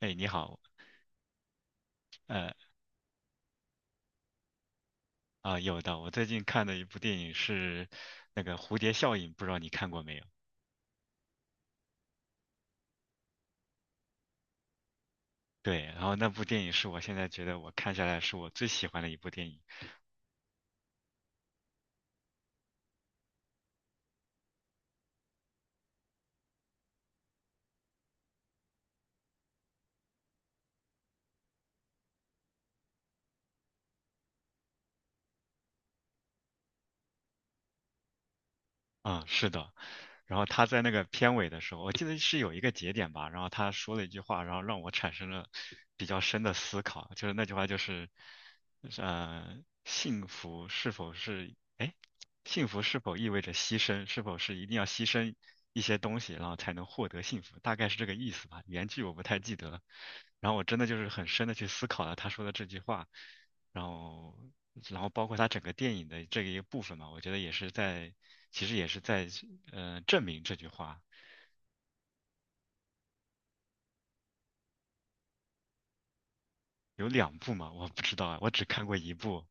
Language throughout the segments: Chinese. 哎，你好，呃有的，我最近看的一部电影是那个《蝴蝶效应》，不知道你看过没有？对，然后那部电影是我现在觉得我看下来是我最喜欢的一部电影。嗯，是的。然后他在那个片尾的时候，我记得是有一个节点吧，然后他说了一句话，然后让我产生了比较深的思考，就是那句话就是，呃，幸福是否是，哎，幸福是否意味着牺牲，是否是一定要牺牲一些东西，然后才能获得幸福，大概是这个意思吧。原句我不太记得了，然后我真的就是很深的去思考了他说的这句话，然后然后包括它整个电影的这个一个部分嘛，我觉得也是在，其实也是在证明这句话。有两部嘛，我不知道啊，我只看过一部。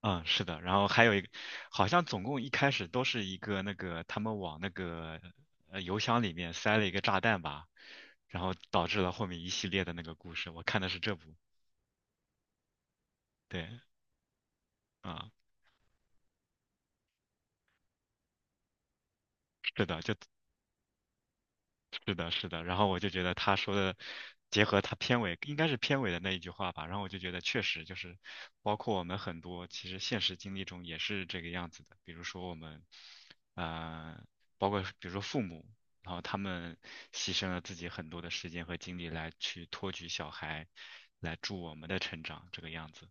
嗯，是的，然后还有一个，好像总共一开始都是一个那个他们往那个邮箱里面塞了一个炸弹吧，然后导致了后面一系列的那个故事。我看的是这部，对，啊、是的，就是的，是的，然后我就觉得他说的，结合他片尾应该是片尾的那一句话吧，然后我就觉得确实就是，包括我们很多其实现实经历中也是这个样子的，比如说我们，呃，包括比如说父母，然后他们牺牲了自己很多的时间和精力来去托举小孩，来助我们的成长，这个样子。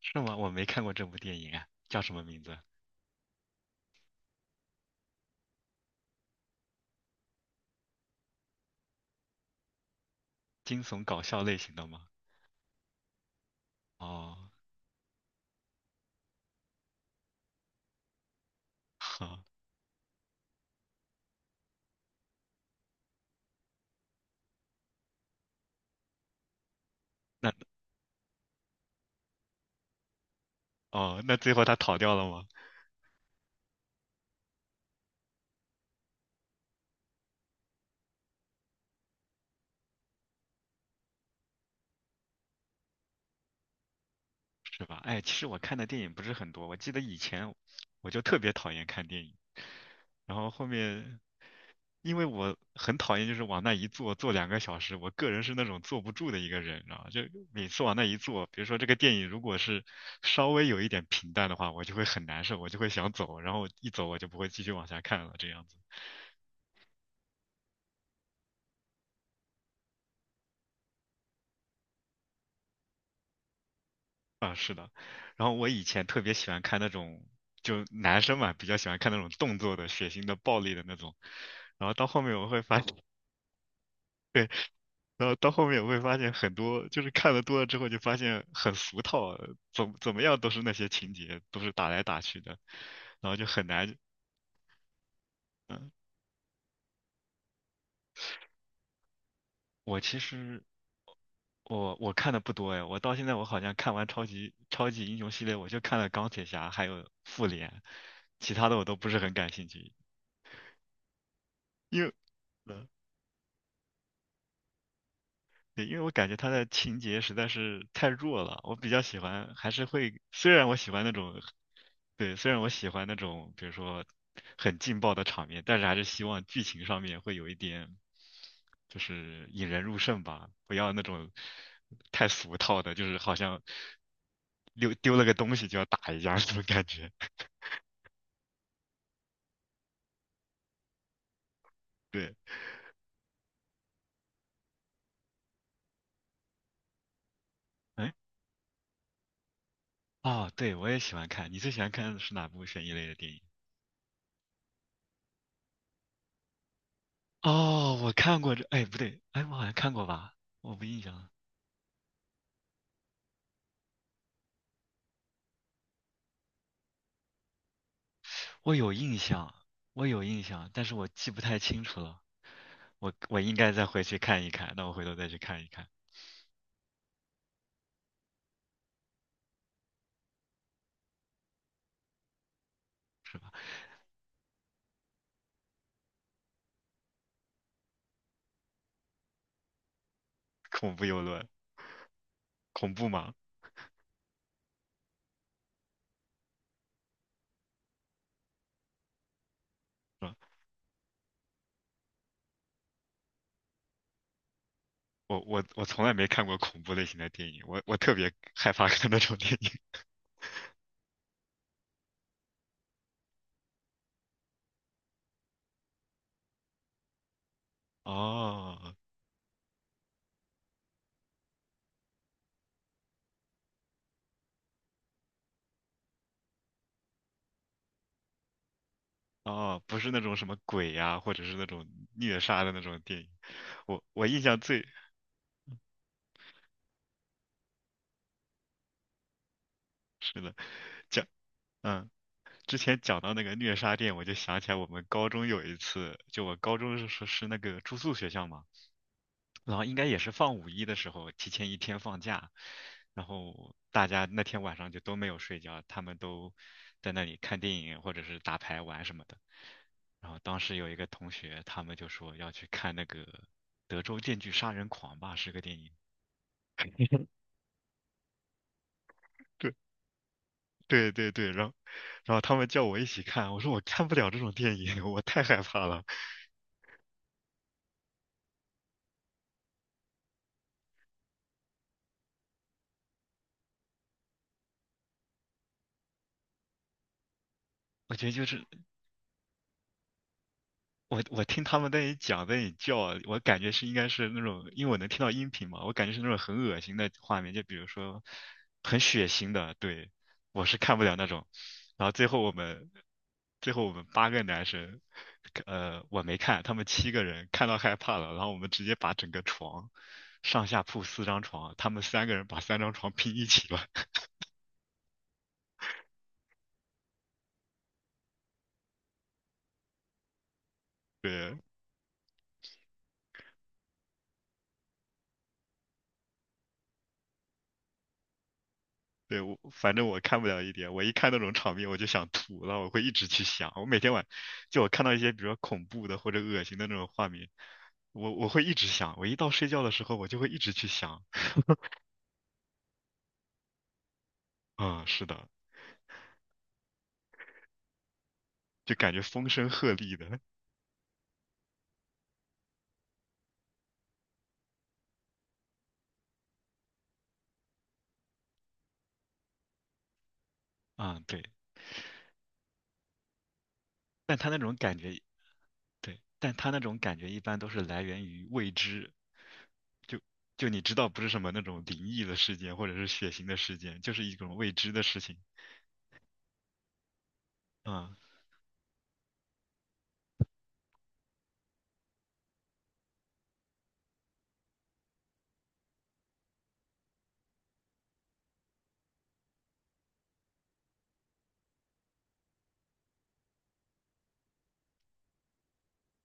是吗？我没看过这部电影啊，叫什么名字？惊悚搞笑类型的吗？哦，好，那哦，那最后他逃掉了吗？是吧？哎，其实我看的电影不是很多，我记得以前我就特别讨厌看电影，然后后面因为我很讨厌就是往那一坐坐两个小时，我个人是那种坐不住的一个人，然后就每次往那一坐，比如说这个电影如果是稍微有一点平淡的话，我就会很难受，我就会想走，然后一走我就不会继续往下看了这样子。然后我以前特别喜欢看那种，就男生嘛，比较喜欢看那种动作的、血腥的、暴力的那种。然后到后面我会发现，然后到后面我会发现很多，就是看的多了之后就发现很俗套，怎么怎么样都是那些情节，都是打来打去的，然后就很难。我其实我看的不多哎，我到现在我好像看完超级英雄系列，我就看了钢铁侠还有复联，其他的我都不是很感兴趣，因为。对，因为我感觉它的情节实在是太弱了，我比较喜欢，还是会，虽然我喜欢那种，对，虽然我喜欢那种，比如说很劲爆的场面，但是还是希望剧情上面会有一点，就是引人入胜吧，不要那种太俗套的，就是好像丢了个东西就要打一架那种感觉。对，哎，哦，对，我也喜欢看，你最喜欢看的是哪部悬疑类的电影？哦，我看过这，哎，不对，哎，我好像看过吧？我不印象了，我有印象，我有印象，但是我记不太清楚了。我应该再回去看一看，那我回头再去看一看。恐怖游轮，恐怖吗？是吧？我从来没看过恐怖类型的电影，我特别害怕看那种电影。哦，哦，不是那种什么鬼呀、或者是那种虐杀的那种电影。我印象最是的，讲，嗯。之前讲到那个虐杀店，我就想起来我们高中有一次，就我高中是那个住宿学校嘛，然后应该也是放五一的时候，提前一天放假，然后大家那天晚上就都没有睡觉，他们都在那里看电影或者是打牌玩什么的。然后当时有一个同学，他们就说要去看那个《德州电锯杀人狂》吧，是个电影。对，然后然后他们叫我一起看，我说我看不了这种电影，我太害怕了。我觉得就是我听他们在那里讲，在那里叫，我感觉是应该是那种，因为我能听到音频嘛，我感觉是那种很恶心的画面，就比如说很血腥的，对，我是看不了那种。然后最后我们，最后我们八个男生，我没看，他们七个人看到害怕了，然后我们直接把整个床，上下铺四张床，他们三个人把三张床拼一起了，对。对，我反正我看不了一点，我一看那种场面我就想吐，然后我会一直去想。我每天晚就我看到一些比较恐怖的或者恶心的那种画面，我会一直想。我一到睡觉的时候，我就会一直去想。嗯，是的，就感觉风声鹤唳的。嗯，对，但他那种感觉，对，但他那种感觉一般都是来源于未知。就就你知道，不是什么那种灵异的事件或者是血腥的事件，就是一种未知的事情。嗯，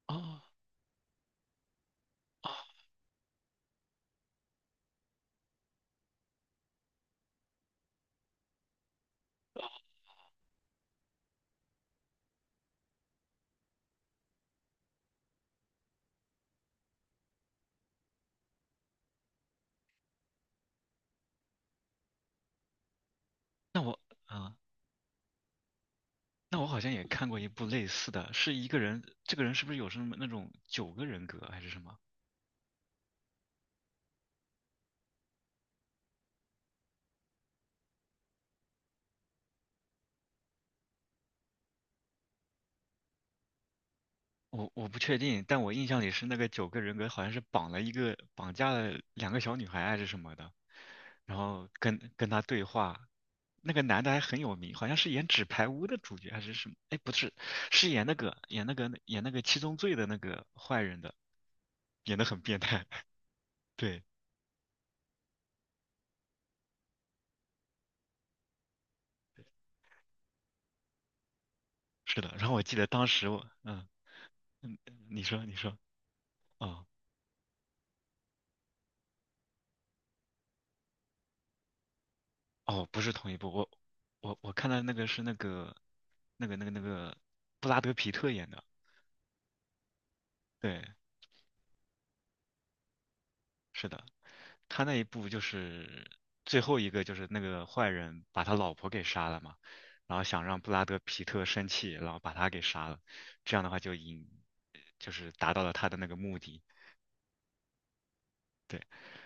哦，哦，哦，那我。嗯。那我好像也看过一部类似的，是一个人，这个人是不是有什么那种九个人格还是什么？我不确定，但我印象里是那个九个人格好像是绑了一个绑架了两个小女孩啊还是什么的，然后跟他对话。那个男的还很有名，好像是演《纸牌屋》的主角还是什么？哎，不是，是演那个七宗罪的那个坏人的，演得很变态。对，是的。然后我记得当时我，嗯,你说你说，哦。哦，不是同一部，我看到那个是那个那个布拉德皮特演的，对，是的，他那一部就是最后一个就是那个坏人把他老婆给杀了嘛，然后想让布拉德皮特生气，然后把他给杀了，这样的话就引就是达到了他的那个目的，对，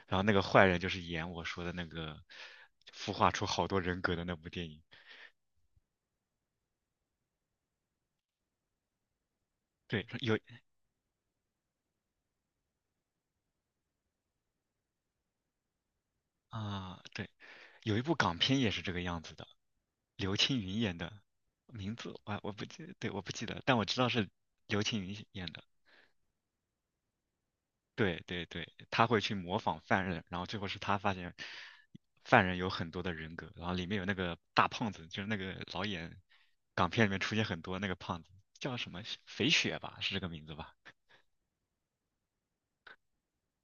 然后那个坏人就是演我说的那个孵化出好多人格的那部电影。对，有啊，对，有一部港片也是这个样子的，刘青云演的，名字我我不记，对，我不记得，但我知道是刘青云演的。对对对，他会去模仿犯人，然后最后是他发现犯人有很多的人格，然后里面有那个大胖子，就是那个老演港片里面出现很多那个胖子，叫什么肥雪吧，是这个名字吧？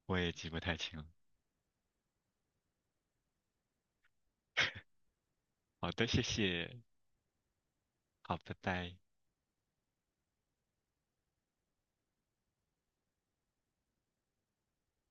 我也记不太清了。好的，谢谢，好，拜拜。